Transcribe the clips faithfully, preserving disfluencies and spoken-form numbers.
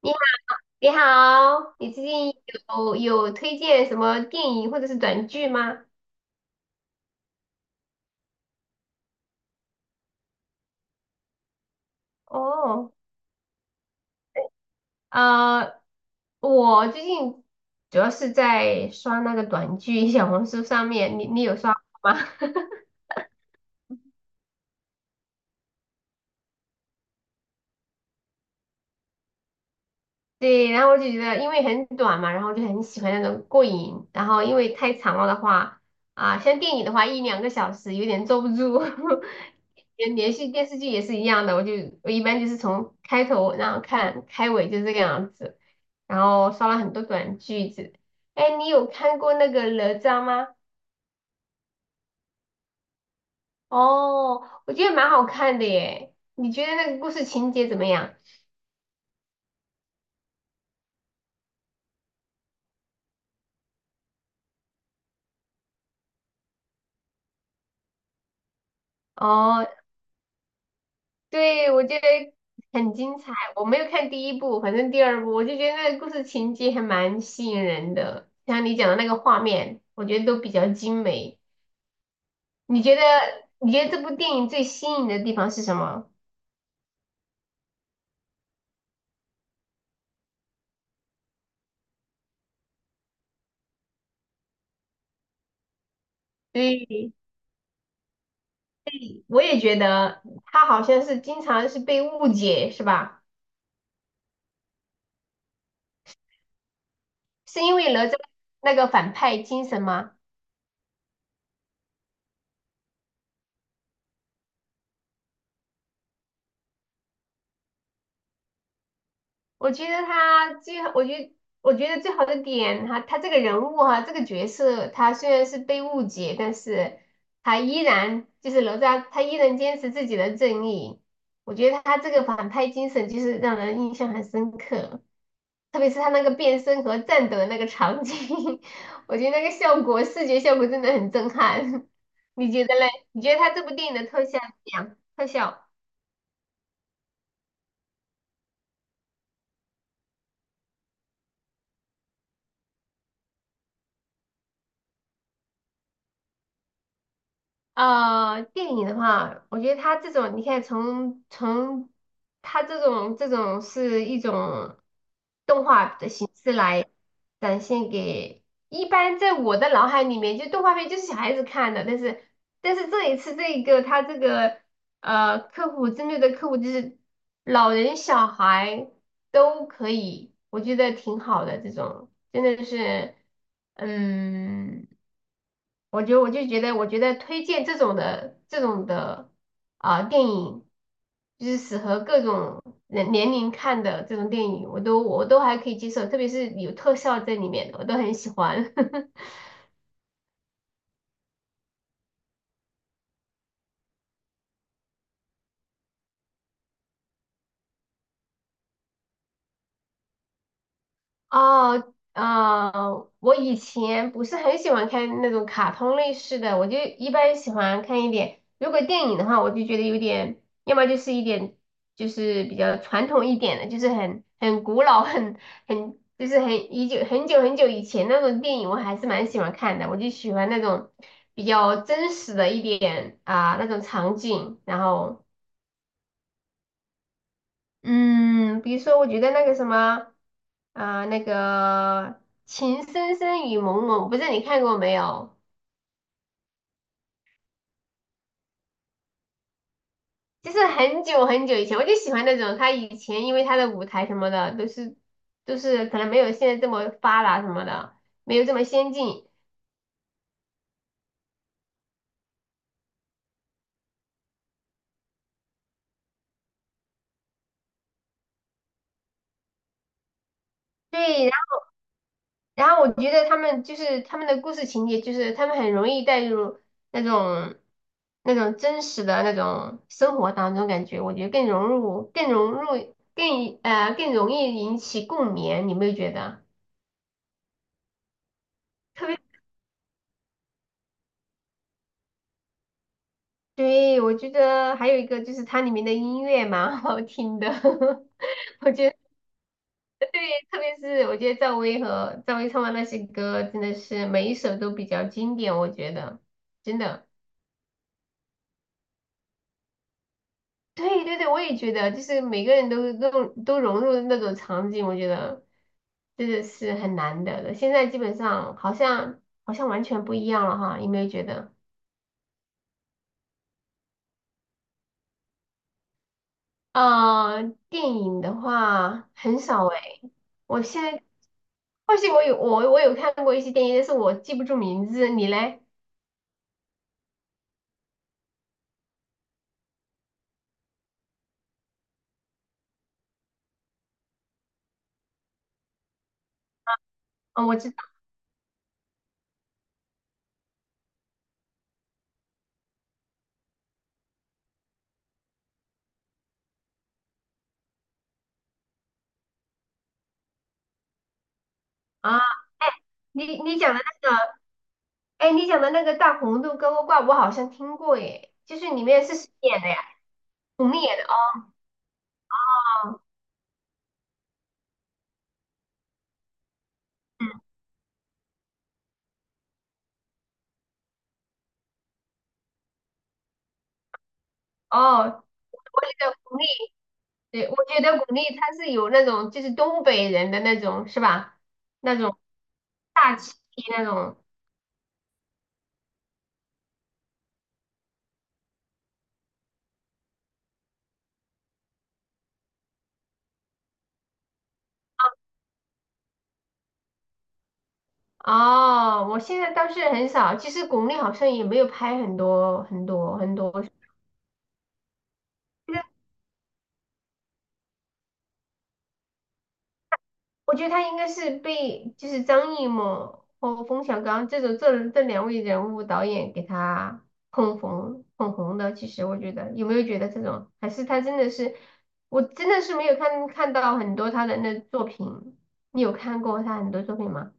你好，你好，你最近有有推荐什么电影或者是短剧吗？哦，呃，我最近主要是在刷那个短剧，小红书上面，你你有刷吗？对，然后我就觉得因为很短嘛，然后就很喜欢那种过瘾，然后因为太长了的话，啊、像电影的话一两个小时有点坐不住，连连续电视剧也是一样的，我就我一般就是从开头然后看开尾就这个样子。然后刷了很多短句子。哎，你有看过那个哪吒吗？哦，我觉得蛮好看的耶。你觉得那个故事情节怎么样？哦，对，我觉得很精彩。我没有看第一部，反正第二部我就觉得那个故事情节还蛮吸引人的，像你讲的那个画面，我觉得都比较精美。你觉得你觉得这部电影最吸引的地方是什么？对，我也觉得它好像是经常是被误解，是吧？是因为哪吒那个反派精神吗？我觉得他最，我觉得我觉得最好的点哈，他他这个人物哈、这个角色，他虽然是被误解，但是他依然就是哪吒，他依然坚持自己的正义。我觉得他这个反派精神就是让人印象很深刻，特别是他那个变身和战斗的那个场景，我觉得那个效果，视觉效果真的很震撼。你觉得嘞？你觉得他这部电影的特效怎么样？特效？呃，电影的话，我觉得它这种，你看从从它这种这种是一种动画的形式来展现给，一般在我的脑海里面，就动画片就是小孩子看的，但是但是这一次这个它这个呃客户针对的客户就是老人小孩都可以，我觉得挺好的这种，真的是嗯。我觉得我就觉得，我觉得推荐这种的这种的啊、电影，就是适合各种人年龄看的这种电影，我都我都还可以接受，特别是有特效在里面的，我都很喜欢。哦，呃，我以前不是很喜欢看那种卡通类似的，我就一般喜欢看一点。如果电影的话，我就觉得有点，要么就是一点，就是比较传统一点的，就是很很古老、很很就是很已久很久很久以前那种电影，我还是蛮喜欢看的。我就喜欢那种比较真实的一点啊、那种场景，然后。嗯，比如说，我觉得那个什么，啊、那个《情深深雨蒙蒙》，我不知道你看过没有？就是很久很久以前，我就喜欢那种他以前，因为他的舞台什么的都是都是可能没有现在这么发达什么的，没有这么先进。对，然后我觉得他们就是他们的故事情节，就是他们很容易带入那种那种真实的那种生活当中，感觉我觉得更融入、更融入、更呃更容易引起共鸣，你有没有觉得？特别对，我觉得还有一个就是它里面的音乐蛮好听的，我觉得对，特别是我觉得赵薇和赵薇唱的那些歌，真的是每一首都比较经典，我觉得真的。对对对，我也觉得，就是每个人都都都融入那种场景，我觉得真的是很难得的。现在基本上好像好像完全不一样了哈，有没有觉得？呃，电影的话很少诶，我现在或许我有我我有看过一些电影，但是我记不住名字。你嘞？啊、我知道啊，你你讲的那个，哎，你讲的那个大红豆高高挂，我好像听过耶，就是里面是谁演的呀？巩俐演的哦，嗯，哦。我记得佟丽对，我觉得巩俐它是有那种就是东北人的那种是吧？那种大气那种。哦，我现在倒是很少，其实巩俐好像也没有拍很多很多很多。其实我觉得她应该是被就是张艺谋和冯小刚这种这这两位人物导演给她捧红捧红的。其实我觉得有没有觉得这种，还是她真的是我真的是没有看看到很多她的那作品。你有看过她很多作品吗？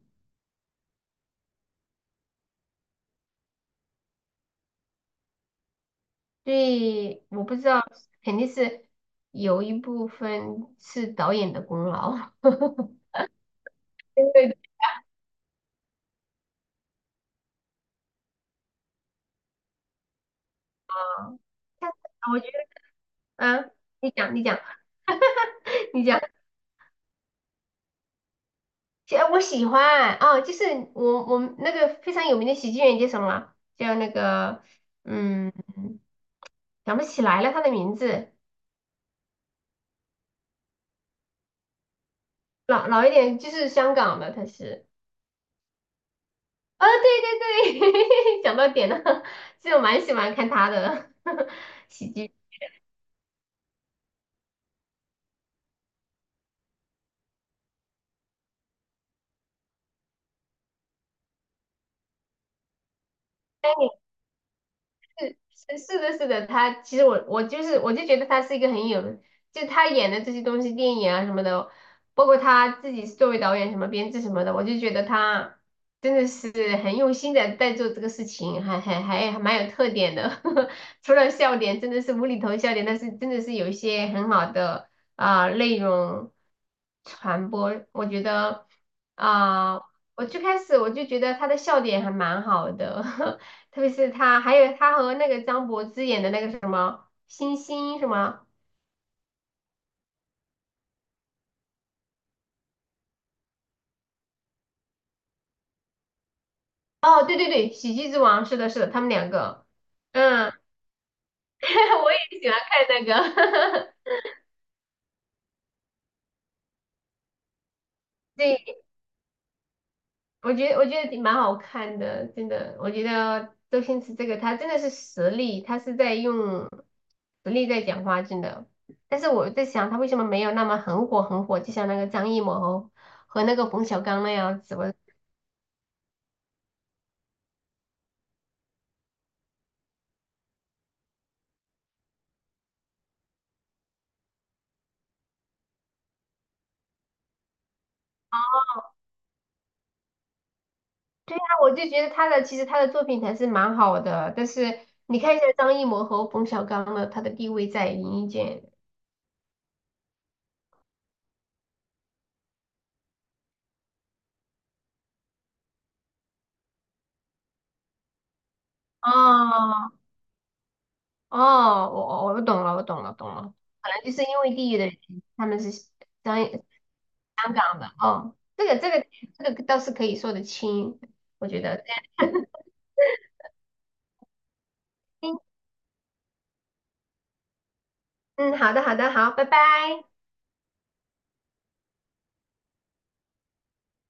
所以我不知道，肯定是有一部分是导演的功劳。对的，但是我觉得，啊，你讲，你讲，你讲，其实我喜欢啊，就是我我们那个非常有名的喜剧演员叫什么啊？叫那个，嗯，想不起来了他的名字，老老一点，就是香港的，他是，啊，对对对，讲到点了，其实我蛮喜欢看他的 喜剧。是是的，是的，他其实我我就是我就觉得他是一个很有，就他演的这些东西，电影啊什么的，包括他自己作为导演什么编制什么的，我就觉得他真的是很用心的在做这个事情，还还还还蛮有特点的。除了笑点真的是无厘头笑点，但是真的是有一些很好的啊、内容传播，我觉得啊、我最开始我就觉得他的笑点还蛮好的。特别是他，还有他和那个张柏芝演的那个什么星星什么？哦，对对对，《喜剧之王》是的，是的，他们两个，嗯，我也喜欢看那个，对，我觉得我觉得挺蛮好看的，真的，我觉得周星驰这个他真的是实力，他是在用实力在讲话，真的。但是我在想，他为什么没有那么很火很火，就像那个张艺谋和那个冯小刚那样子，我对呀，我就觉得他的其实他的作品还是蛮好的，但是你看一下张艺谋和冯小刚的，他的地位在演艺界。哦哦，我我我懂了，我懂了，懂了，可能就是因为地域的原因，他们是张艺长的哦，这个这个这个倒是可以说得清，我觉得这样 嗯，好的好的好，拜拜。